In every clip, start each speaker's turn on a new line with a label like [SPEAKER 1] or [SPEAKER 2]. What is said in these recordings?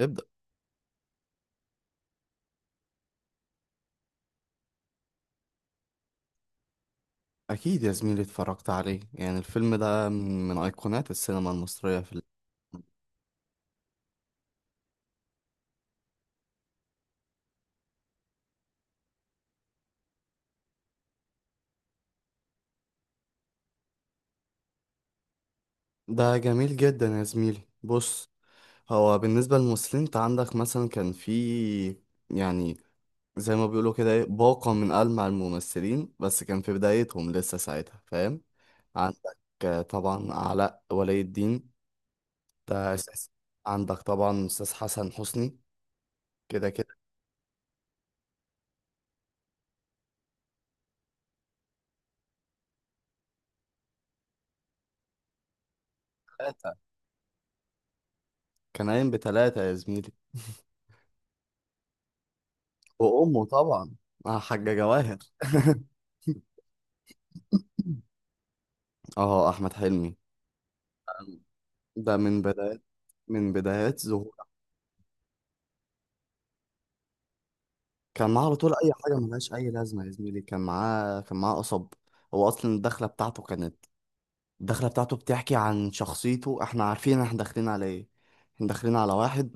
[SPEAKER 1] ابدأ. أكيد يا زميلي اتفرجت عليه، يعني الفيلم ده من أيقونات السينما المصرية ده جميل جدا يا زميلي. بص، هو بالنسبة للمسلمين انت عندك مثلا كان في، يعني زي ما بيقولوا كده ايه، باقة من ألمع الممثلين، بس كان في بدايتهم لسه ساعتها، فاهم. عندك طبعا علاء ولي الدين، ده أساس. عندك طبعا أستاذ حسن حسني، كده كده. تلاتة، كان قايم بتلاتة يا زميلي. وأمه طبعا، مع حاجة جواهر اه أحمد حلمي، ده من بدايات، ظهور. كان معاه على طول اي حاجه ملهاش اي لازمه يا زميلي، كان معاه، قصب. هو اصلا الدخله بتاعته كانت، الدخله بتاعته بتحكي عن شخصيته. احنا عارفين احنا داخلين على ايه، احنا داخلين على واحد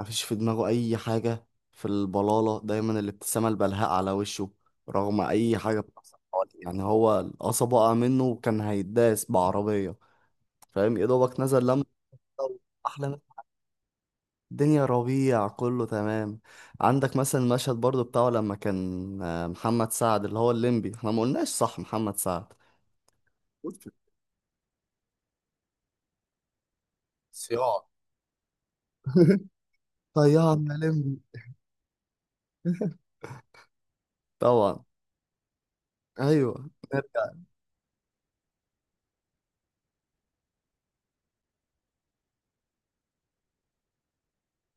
[SPEAKER 1] مفيش في دماغه اي حاجه، في البلاله دايما الابتسامه البلهاء على وشه، رغم اي حاجه بتحصل حواليه. يعني هو القصب وقع منه وكان هيداس بعربيه، فاهم، يا دوبك نزل لما. احلى، الدنيا ربيع كله تمام. عندك مثلا المشهد برضو بتاعه لما كان محمد سعد اللي هو الليمبي، احنا ما قلناش صح، محمد سعد قلت، صياع طيعنا ليمبي. طبعا. ايوه نرجع.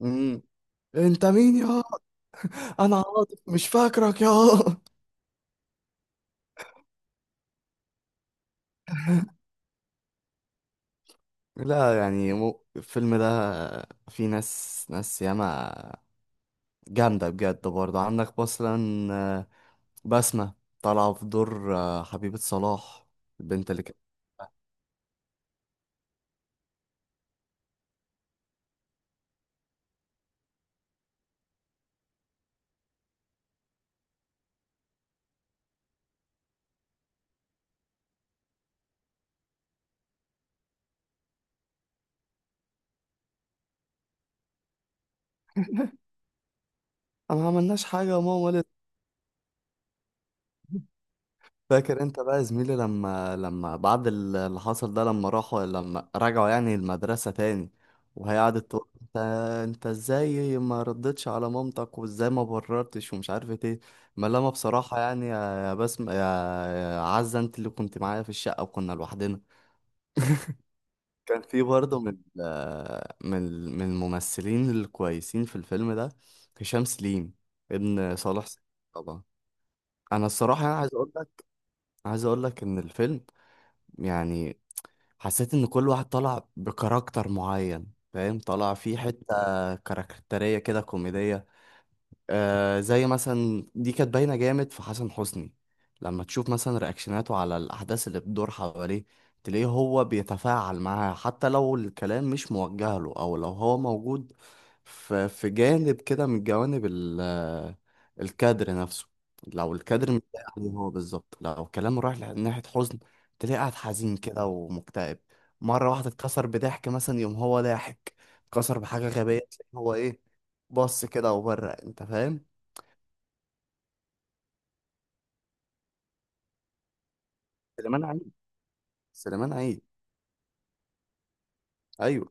[SPEAKER 1] امم. انت مين يا، انا عاطف مش فاكرك يا لا، يعني مو الفيلم ده، في ناس ناس ياما جامدة بجد. برضه عندك مثلا آه، بسمة، طالعة في دور حبيبة صلاح، البنت اللي كانت، ما عملناش حاجة يا ماما ولا. فاكر انت بقى يا زميلي لما، بعد اللي حصل ده، لما راحوا، لما رجعوا يعني المدرسة تاني، وهي قعدت تقول: انت، ازاي ما ردتش على مامتك، وازاي ما بررتش ومش عارف ايه. ما لما بصراحة يعني، يا بسم يا عزة، انت اللي كنت معايا في الشقة وكنا لوحدنا. كان في برضه من من الممثلين الكويسين في الفيلم ده هشام سليم، ابن صالح سليم، طبعا. انا الصراحة يعني عايز اقول، لك ان الفيلم، يعني، حسيت ان كل واحد طلع بكاركتر معين، فاهم، طلع فيه حتة كاركترية كده كوميدية. زي مثلا دي كانت باينة جامد في حسن حسني. لما تشوف مثلا رياكشناته على الأحداث اللي بتدور حواليه، تلاقيه هو بيتفاعل معاها حتى لو الكلام مش موجه له، أو لو هو موجود في جانب كده من جوانب الكادر نفسه. لو الكادر مش لايق عليه هو بالظبط، لو كلامه رايح ناحية حزن، تلاقيه قاعد حزين كده ومكتئب. مرة واحدة اتكسر بضحك مثلا، يوم هو ضاحك، اتكسر بحاجة غبية، تلاقيه هو ايه، بص كده وبره، انت فاهم. سليمان عيد. سليمان عيد، ايوه،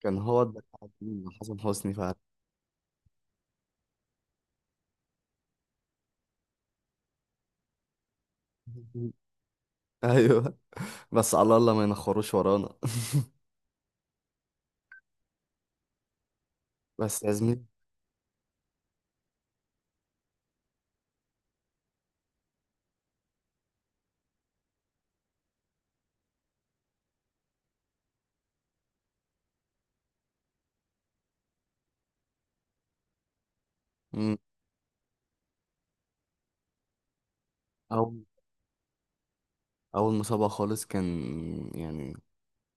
[SPEAKER 1] كان هو ده مع حسن حسني فعلا. ايوه. بس على الله ما ينخروش ورانا بس يا زميلي. مم. اول، مسابقه خالص كان، يعني،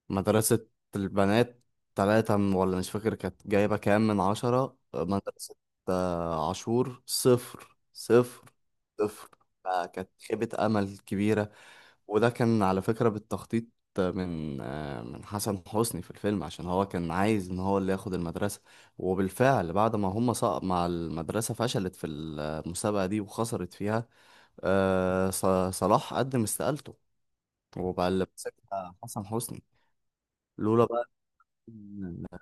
[SPEAKER 1] مدرسه البنات تلاتة ولا مش فاكر، كانت جايبه كام من 10 مدرسه. عاشور صفر صفر صفر، فكانت خيبه امل كبيره. وده كان على فكرة بالتخطيط من حسن حسني في الفيلم، عشان هو كان عايز ان هو اللي ياخد المدرسة. وبالفعل بعد ما هم سقط، مع المدرسة فشلت في المسابقة دي وخسرت فيها، آه، ص- صلاح قدم استقالته، وبقى اللي مسكها حسن حسني. لولا بقى إن-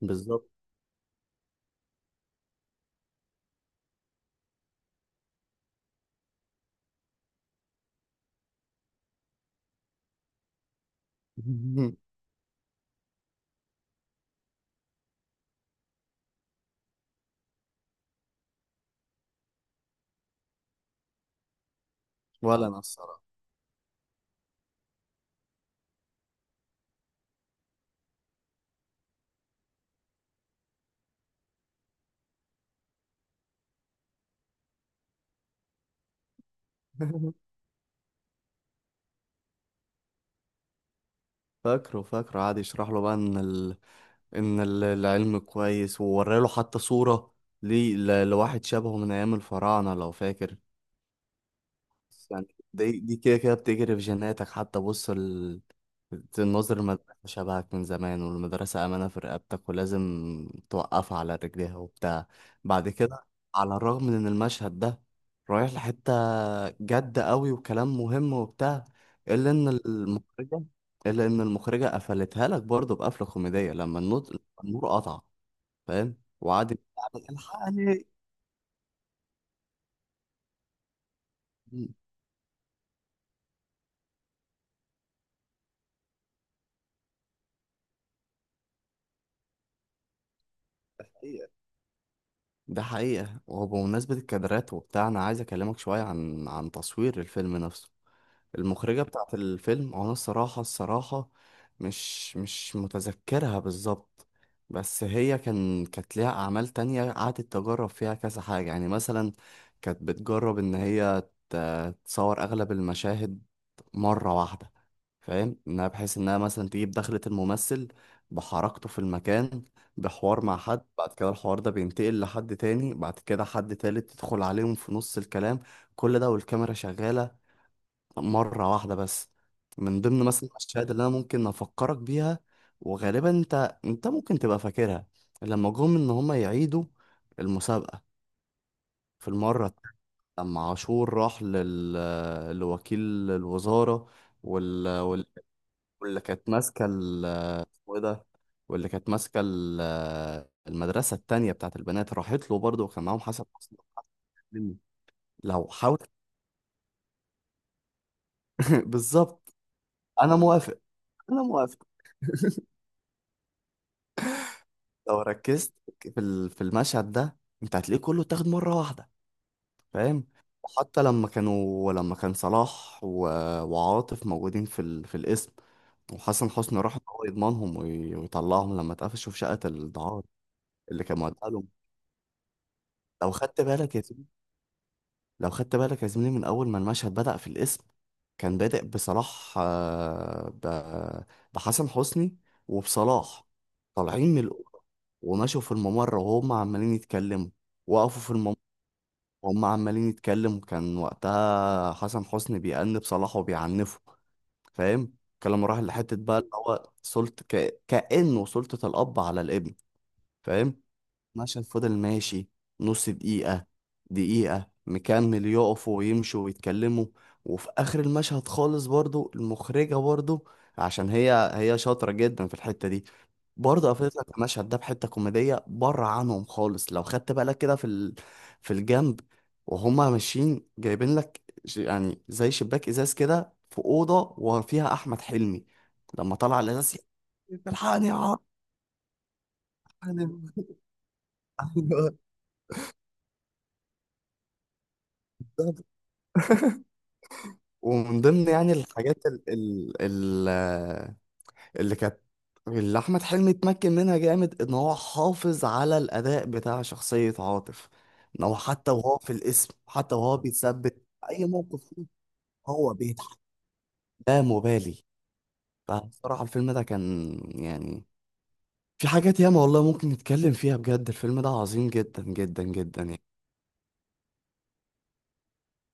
[SPEAKER 1] بالظبط. ولا انا الصراحة. فاكره، قعد يشرح له بقى ان العلم كويس، ووراله حتى صورة ليه لواحد شبهه من ايام الفراعنة لو فاكر. بس يعني دي كده كده بتجري في جيناتك، حتى بص الناظر، المدرسة شبهك من زمان، والمدرسة أمانة في رقبتك ولازم توقفها على رجليها وبتاع. بعد كده، على الرغم من إن المشهد ده رايح لحتة جد قوي وكلام مهم وبتاع، إلا إن المخرجة، قفلتها لك برضه بقفلة كوميدية، لما النور، قطع، فاهم، وقعد يعني: الحقني. ده حقيقة، ده حقيقة. وبمناسبة الكادرات وبتاع، أنا عايز أكلمك شوية عن تصوير الفيلم نفسه. المخرجة بتاعة الفيلم، أنا الصراحة، مش متذكرها بالظبط، بس هي كانت ليها أعمال تانية قعدت تجرب فيها كذا حاجة. يعني مثلا كانت بتجرب إن هي تصور أغلب المشاهد مرة واحدة، فاهم، إنها بحيث إنها مثلا تجيب دخلة الممثل بحركته في المكان، بحوار مع حد، بعد كده الحوار ده بينتقل لحد تاني، بعد كده حد تالت تدخل عليهم في نص الكلام، كل ده والكاميرا شغالة مرة واحدة بس. من ضمن مثلا الأشياء اللي أنا ممكن أفكرك بيها، وغالبا أنت ممكن تبقى فاكرها، لما جم إن هما يعيدوا المسابقة في المرة التانية، لما عاشور راح لوكيل الوزارة، وال... وال... واللي كانت ماسكة اسمه إيه ده، واللي كانت ماسكة المدرسة التانية بتاعت البنات، راحت له برضه، وكان معاهم حسن حسني. لو حاول بالظبط. أنا موافق، أنا موافق. لو ركزت في المشهد ده، انت هتلاقيه كله اتاخد مره واحده، فاهم. وحتى لما كان صلاح و... وعاطف موجودين في القسم، وحسن حسني راح إن هو يضمنهم وي... ويطلعهم، لما اتقفشوا في شقه الدعارة اللي كان مودع لهم. لو خدت بالك يا زميلي لو خدت بالك يا زميلي من اول ما المشهد بدأ في القسم، كان بادئ بصلاح، آه، ب... بحسن حسني وبصلاح، طالعين من الأوضة، ومشوا في الممر وهم عمالين يتكلموا، وقفوا في الممر وهم عمالين يتكلموا. كان وقتها حسن حسني بيأنب صلاح وبيعنفه، فاهم، الكلام راح لحتة بقى اللي هو سلطة كأنه سلطة الأب على الابن، فاهم. مشهد فضل ماشي نص دقيقة، دقيقة، مكمل يقفوا ويمشوا ويتكلموا. وفي آخر المشهد خالص برضو، المخرجة برضو، عشان هي شاطرة جدا في الحتة دي، برضه قفلت لك المشهد ده بحته كوميديه بره عنهم خالص. لو خدت بالك كده في الجنب، وهما ماشيين جايبين لك يعني زي شباك ازاز كده في اوضه، وفيها احمد حلمي، لما طلع الازاز: الحقني يا عم. أيوة، بالظبط. ومن ضمن يعني الحاجات ال ال اللي كانت اللي احمد حلمي اتمكن منها جامد، ان هو حافظ على الاداء بتاع شخصية عاطف، ان هو حتى وهو في الاسم، حتى وهو بيتثبت في اي موقف فيه، هو بيضحك لا مبالي. فبصراحة الفيلم ده كان، يعني، في حاجات ياما والله ممكن نتكلم فيها بجد، الفيلم ده عظيم جدا جدا جدا.